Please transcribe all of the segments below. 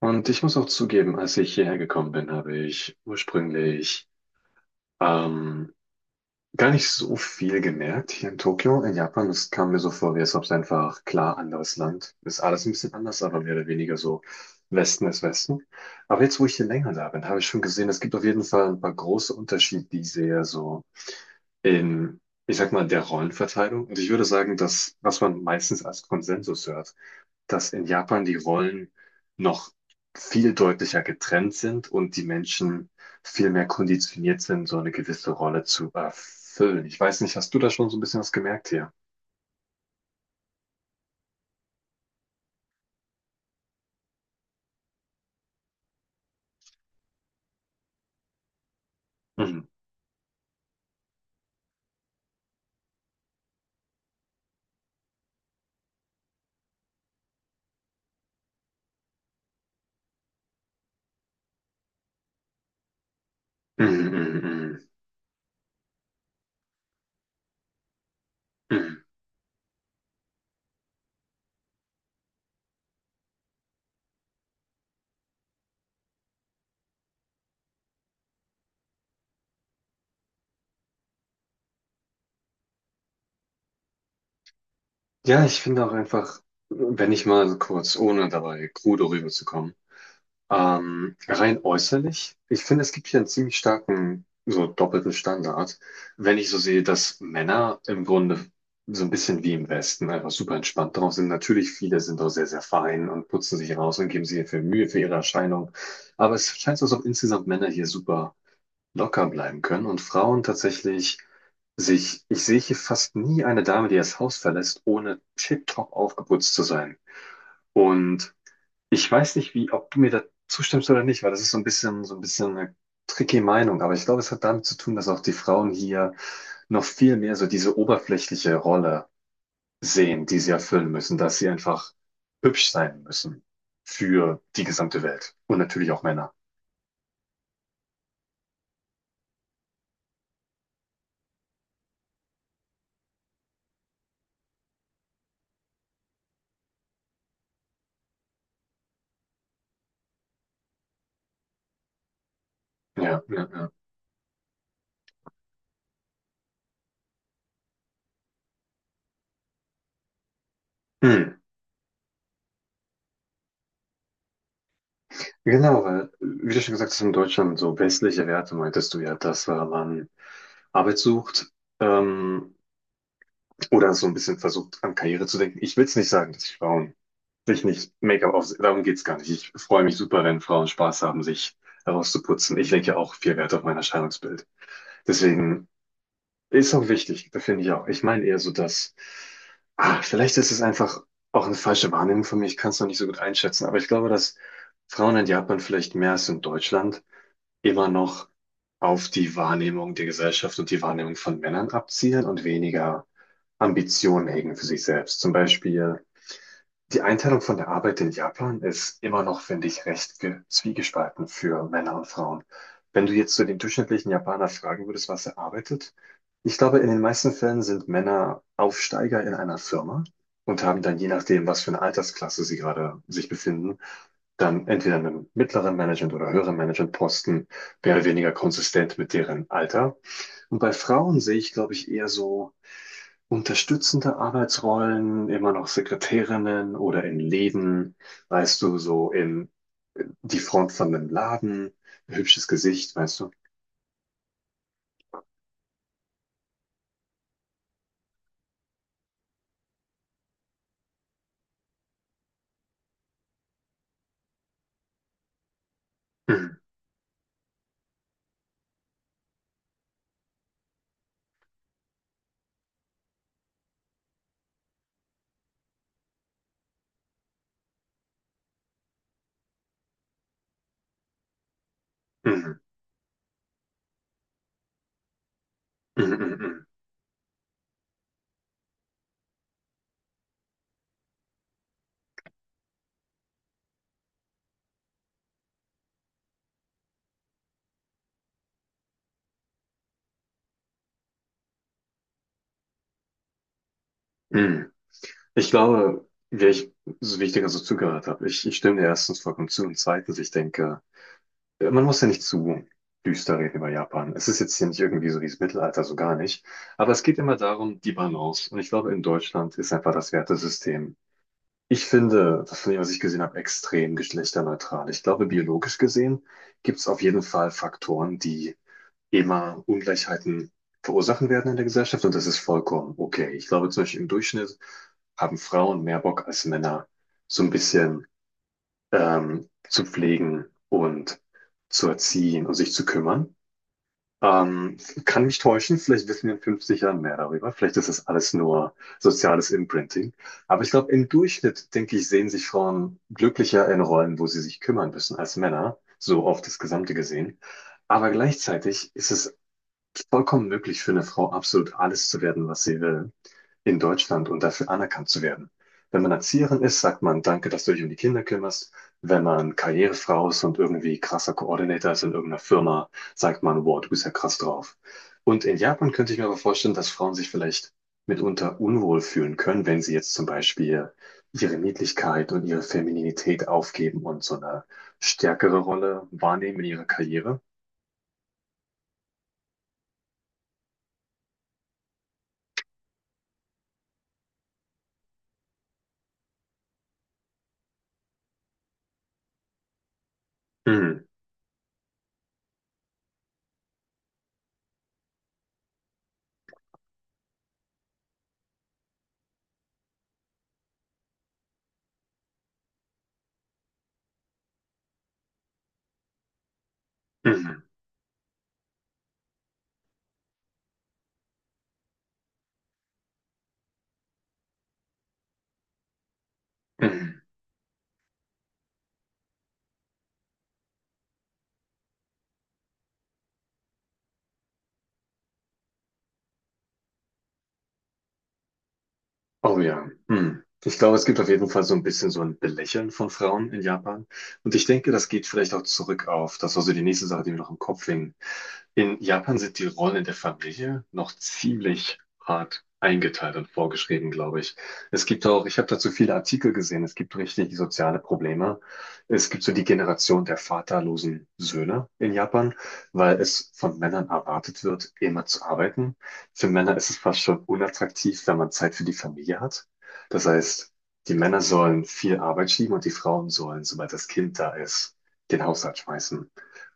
Und ich muss auch zugeben, als ich hierher gekommen bin, habe ich ursprünglich ähm, gar nicht so viel gemerkt hier in Tokio. In Japan, es kam mir so vor, wie als ob es einfach klar anderes Land ist. Alles ein bisschen anders, aber mehr oder weniger so Westen ist Westen. Aber jetzt, wo ich hier länger da bin, habe ich schon gesehen, es gibt auf jeden Fall ein paar große Unterschiede, die ich sehe, so in, ich sag mal, der Rollenverteilung. Und ich würde sagen, dass was man meistens als Konsensus hört, dass in Japan die Rollen noch viel deutlicher getrennt sind und die Menschen viel mehr konditioniert sind, so eine gewisse Rolle zu erfüllen. Ich weiß nicht, hast du da schon so ein bisschen was gemerkt hier? Mhm. Mhm, mhm, mhm, mhm. Ja, ich finde auch einfach, wenn ich mal kurz, ohne dabei krude rüberzukommen, rein äußerlich, ich finde, es gibt hier einen ziemlich starken, so doppelten Standard, wenn ich so sehe, dass Männer im Grunde so ein bisschen wie im Westen einfach super entspannt drauf sind. Natürlich, viele sind auch sehr, sehr fein und putzen sich raus und geben sich viel Mühe für ihre Erscheinung. Aber es scheint so, als ob insgesamt Männer hier super locker bleiben können und Frauen tatsächlich sich, ich sehe hier fast nie eine Dame, die das Haus verlässt, ohne tipptopp aufgeputzt zu sein. Und ich weiß nicht, wie, ob du mir da zustimmst oder nicht, weil das ist so ein bisschen eine tricky Meinung. Aber ich glaube, es hat damit zu tun, dass auch die Frauen hier noch viel mehr so diese oberflächliche Rolle sehen, die sie erfüllen müssen, dass sie einfach hübsch sein müssen für die gesamte Welt. Und natürlich auch Männer. Ja, ja, ja. Hm. Genau, weil, wie du schon gesagt hast, in Deutschland so westliche Werte meintest du ja, dass man Arbeit sucht, ähm, oder so ein bisschen versucht, an Karriere zu denken. Ich will es nicht sagen, dass Frauen sich nicht Make-up auf, darum geht's gar nicht. Ich freue mich super, wenn Frauen Spaß haben, sich herauszuputzen. Ich lege ja auch viel Wert auf mein Erscheinungsbild. Deswegen ist auch wichtig, da finde ich auch. Ich meine eher so, dass, vielleicht ist es einfach auch eine falsche Wahrnehmung von mir. Ich kann es noch nicht so gut einschätzen, aber ich glaube, dass Frauen in Japan vielleicht mehr als in Deutschland immer noch auf die Wahrnehmung der Gesellschaft und die Wahrnehmung von Männern abzielen und weniger Ambitionen hegen für sich selbst. Zum Beispiel, die Einteilung von der Arbeit in Japan ist immer noch, finde ich, recht zwiegespalten für Männer und Frauen. Wenn du jetzt so den durchschnittlichen Japaner fragen würdest, was er arbeitet, ich glaube, in den meisten Fällen sind Männer Aufsteiger in einer Firma und haben dann, je nachdem, was für eine Altersklasse sie gerade sich befinden, dann entweder einen mittleren Management- oder höheren Managementposten, mehr oder weniger konsistent mit deren Alter. Und bei Frauen sehe ich, glaube ich, eher so unterstützende Arbeitsrollen, immer noch Sekretärinnen oder in Läden, weißt du, so in die Front von einem Laden, hübsches Gesicht, weißt du. Mhm, mhm, mhm, mhm, mhm. Mhm. Ich glaube, wäre ich so wichtig, dass ich zugehört habe. Ich stimme dir erstens vollkommen zu und zweitens, ich denke, man muss ja nicht zu düster reden über Japan. Es ist jetzt hier nicht irgendwie so dieses Mittelalter, so gar nicht. Aber es geht immer darum, die Balance. Und ich glaube, in Deutschland ist einfach das Wertesystem. Ich finde, das von dem, was ich gesehen habe, extrem geschlechterneutral. Ich glaube, biologisch gesehen gibt es auf jeden Fall Faktoren, die immer Ungleichheiten verursachen werden in der Gesellschaft und das ist vollkommen okay. Ich glaube, zum Beispiel im Durchschnitt haben Frauen mehr Bock als Männer, so ein bisschen zu pflegen und zu erziehen und sich zu kümmern. Ähm, kann mich täuschen, vielleicht wissen wir in 50 Jahren mehr darüber. Vielleicht ist das alles nur soziales Imprinting. Aber ich glaube, im Durchschnitt, denke ich, sehen sich Frauen glücklicher in Rollen, wo sie sich kümmern müssen, als Männer, so auf das Gesamte gesehen. Aber gleichzeitig ist es vollkommen möglich für eine Frau, absolut alles zu werden, was sie will in Deutschland und dafür anerkannt zu werden. Wenn man Erzieherin ist, sagt man, danke, dass du dich um die Kinder kümmerst. Wenn man Karrierefrau ist und irgendwie krasser Koordinator ist in irgendeiner Firma, sagt man, wow, du bist ja krass drauf. Und in Japan könnte ich mir aber vorstellen, dass Frauen sich vielleicht mitunter unwohl fühlen können, wenn sie jetzt zum Beispiel ihre Niedlichkeit und ihre Femininität aufgeben und so eine stärkere Rolle wahrnehmen in ihrer Karriere. Mhm, mhm, mhm. Oh ja. Hm. Ich glaube, es gibt auf jeden Fall so ein bisschen so ein Belächeln von Frauen in Japan. Und ich denke, das geht vielleicht auch zurück auf, das war so die nächste Sache, die mir noch im Kopf hing, in Japan sind die Rollen in der Familie noch ziemlich hart eingeteilt und vorgeschrieben, glaube ich. Es gibt auch, ich habe dazu viele Artikel gesehen, es gibt richtig soziale Probleme. Es gibt so die Generation der vaterlosen Söhne in Japan, weil es von Männern erwartet wird, immer zu arbeiten. Für Männer ist es fast schon unattraktiv, wenn man Zeit für die Familie hat. Das heißt, die Männer sollen viel Arbeit schieben und die Frauen sollen, sobald das Kind da ist, den Haushalt schmeißen.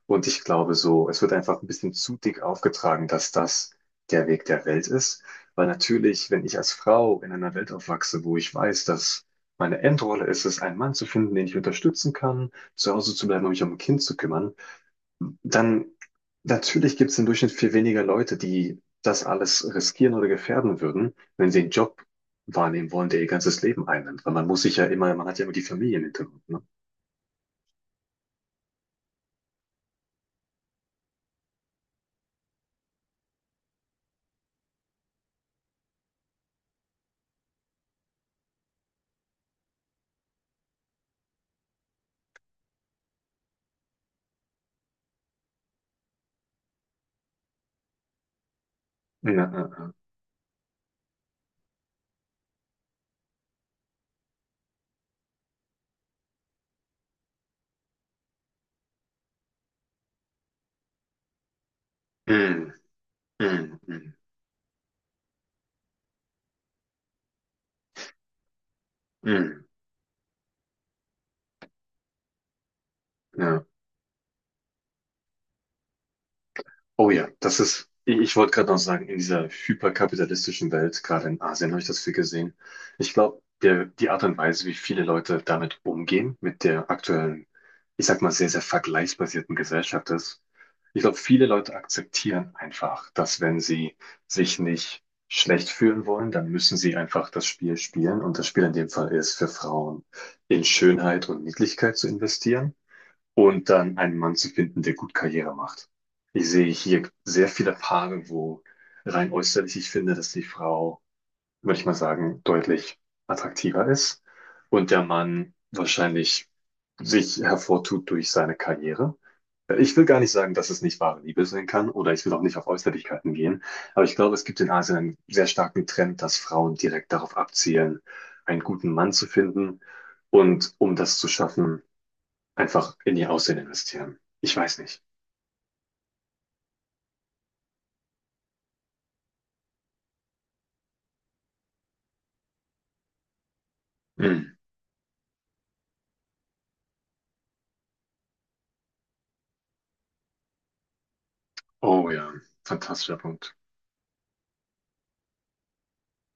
Und ich glaube so, es wird einfach ein bisschen zu dick aufgetragen, dass das der Weg der Welt ist. Weil natürlich, wenn ich als Frau in einer Welt aufwachse, wo ich weiß, dass meine Endrolle ist es, einen Mann zu finden, den ich unterstützen kann, zu Hause zu bleiben und mich um ein Kind zu kümmern, dann natürlich gibt es im Durchschnitt viel weniger Leute, die das alles riskieren oder gefährden würden, wenn sie einen Job wahrnehmen wollen, der ihr ganzes Leben einnimmt. Weil man muss sich ja immer, man hat ja immer die Familie im Hintergrund, ne? Ja, ja, ja. Mm, mm, mm, mm. Ja. Oh ja, das ist, ich wollte gerade noch sagen, in dieser hyperkapitalistischen Welt, gerade in Asien habe ich das viel gesehen. Ich glaube, die Art und Weise, wie viele Leute damit umgehen, mit der aktuellen, ich sag mal, sehr, sehr vergleichsbasierten Gesellschaft ist, ich glaube, viele Leute akzeptieren einfach, dass wenn sie sich nicht schlecht fühlen wollen, dann müssen sie einfach das Spiel spielen. Und das Spiel in dem Fall ist, für Frauen in Schönheit und Niedlichkeit zu investieren und dann einen Mann zu finden, der gut Karriere macht. Ich sehe hier sehr viele Paare, wo rein äußerlich ich finde, dass die Frau, würde ich mal sagen, deutlich attraktiver ist und der Mann wahrscheinlich sich hervortut durch seine Karriere. Ich will gar nicht sagen, dass es nicht wahre Liebe sein kann oder ich will auch nicht auf Äußerlichkeiten gehen, aber ich glaube, es gibt in Asien einen sehr starken Trend, dass Frauen direkt darauf abzielen, einen guten Mann zu finden. Und um das zu schaffen, einfach in ihr Aussehen investieren. Ich weiß nicht. Hm. Oh ja, fantastischer Punkt.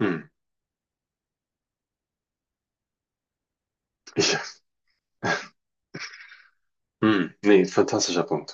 Hm. Ich, hm. Nee, fantastischer Punkt.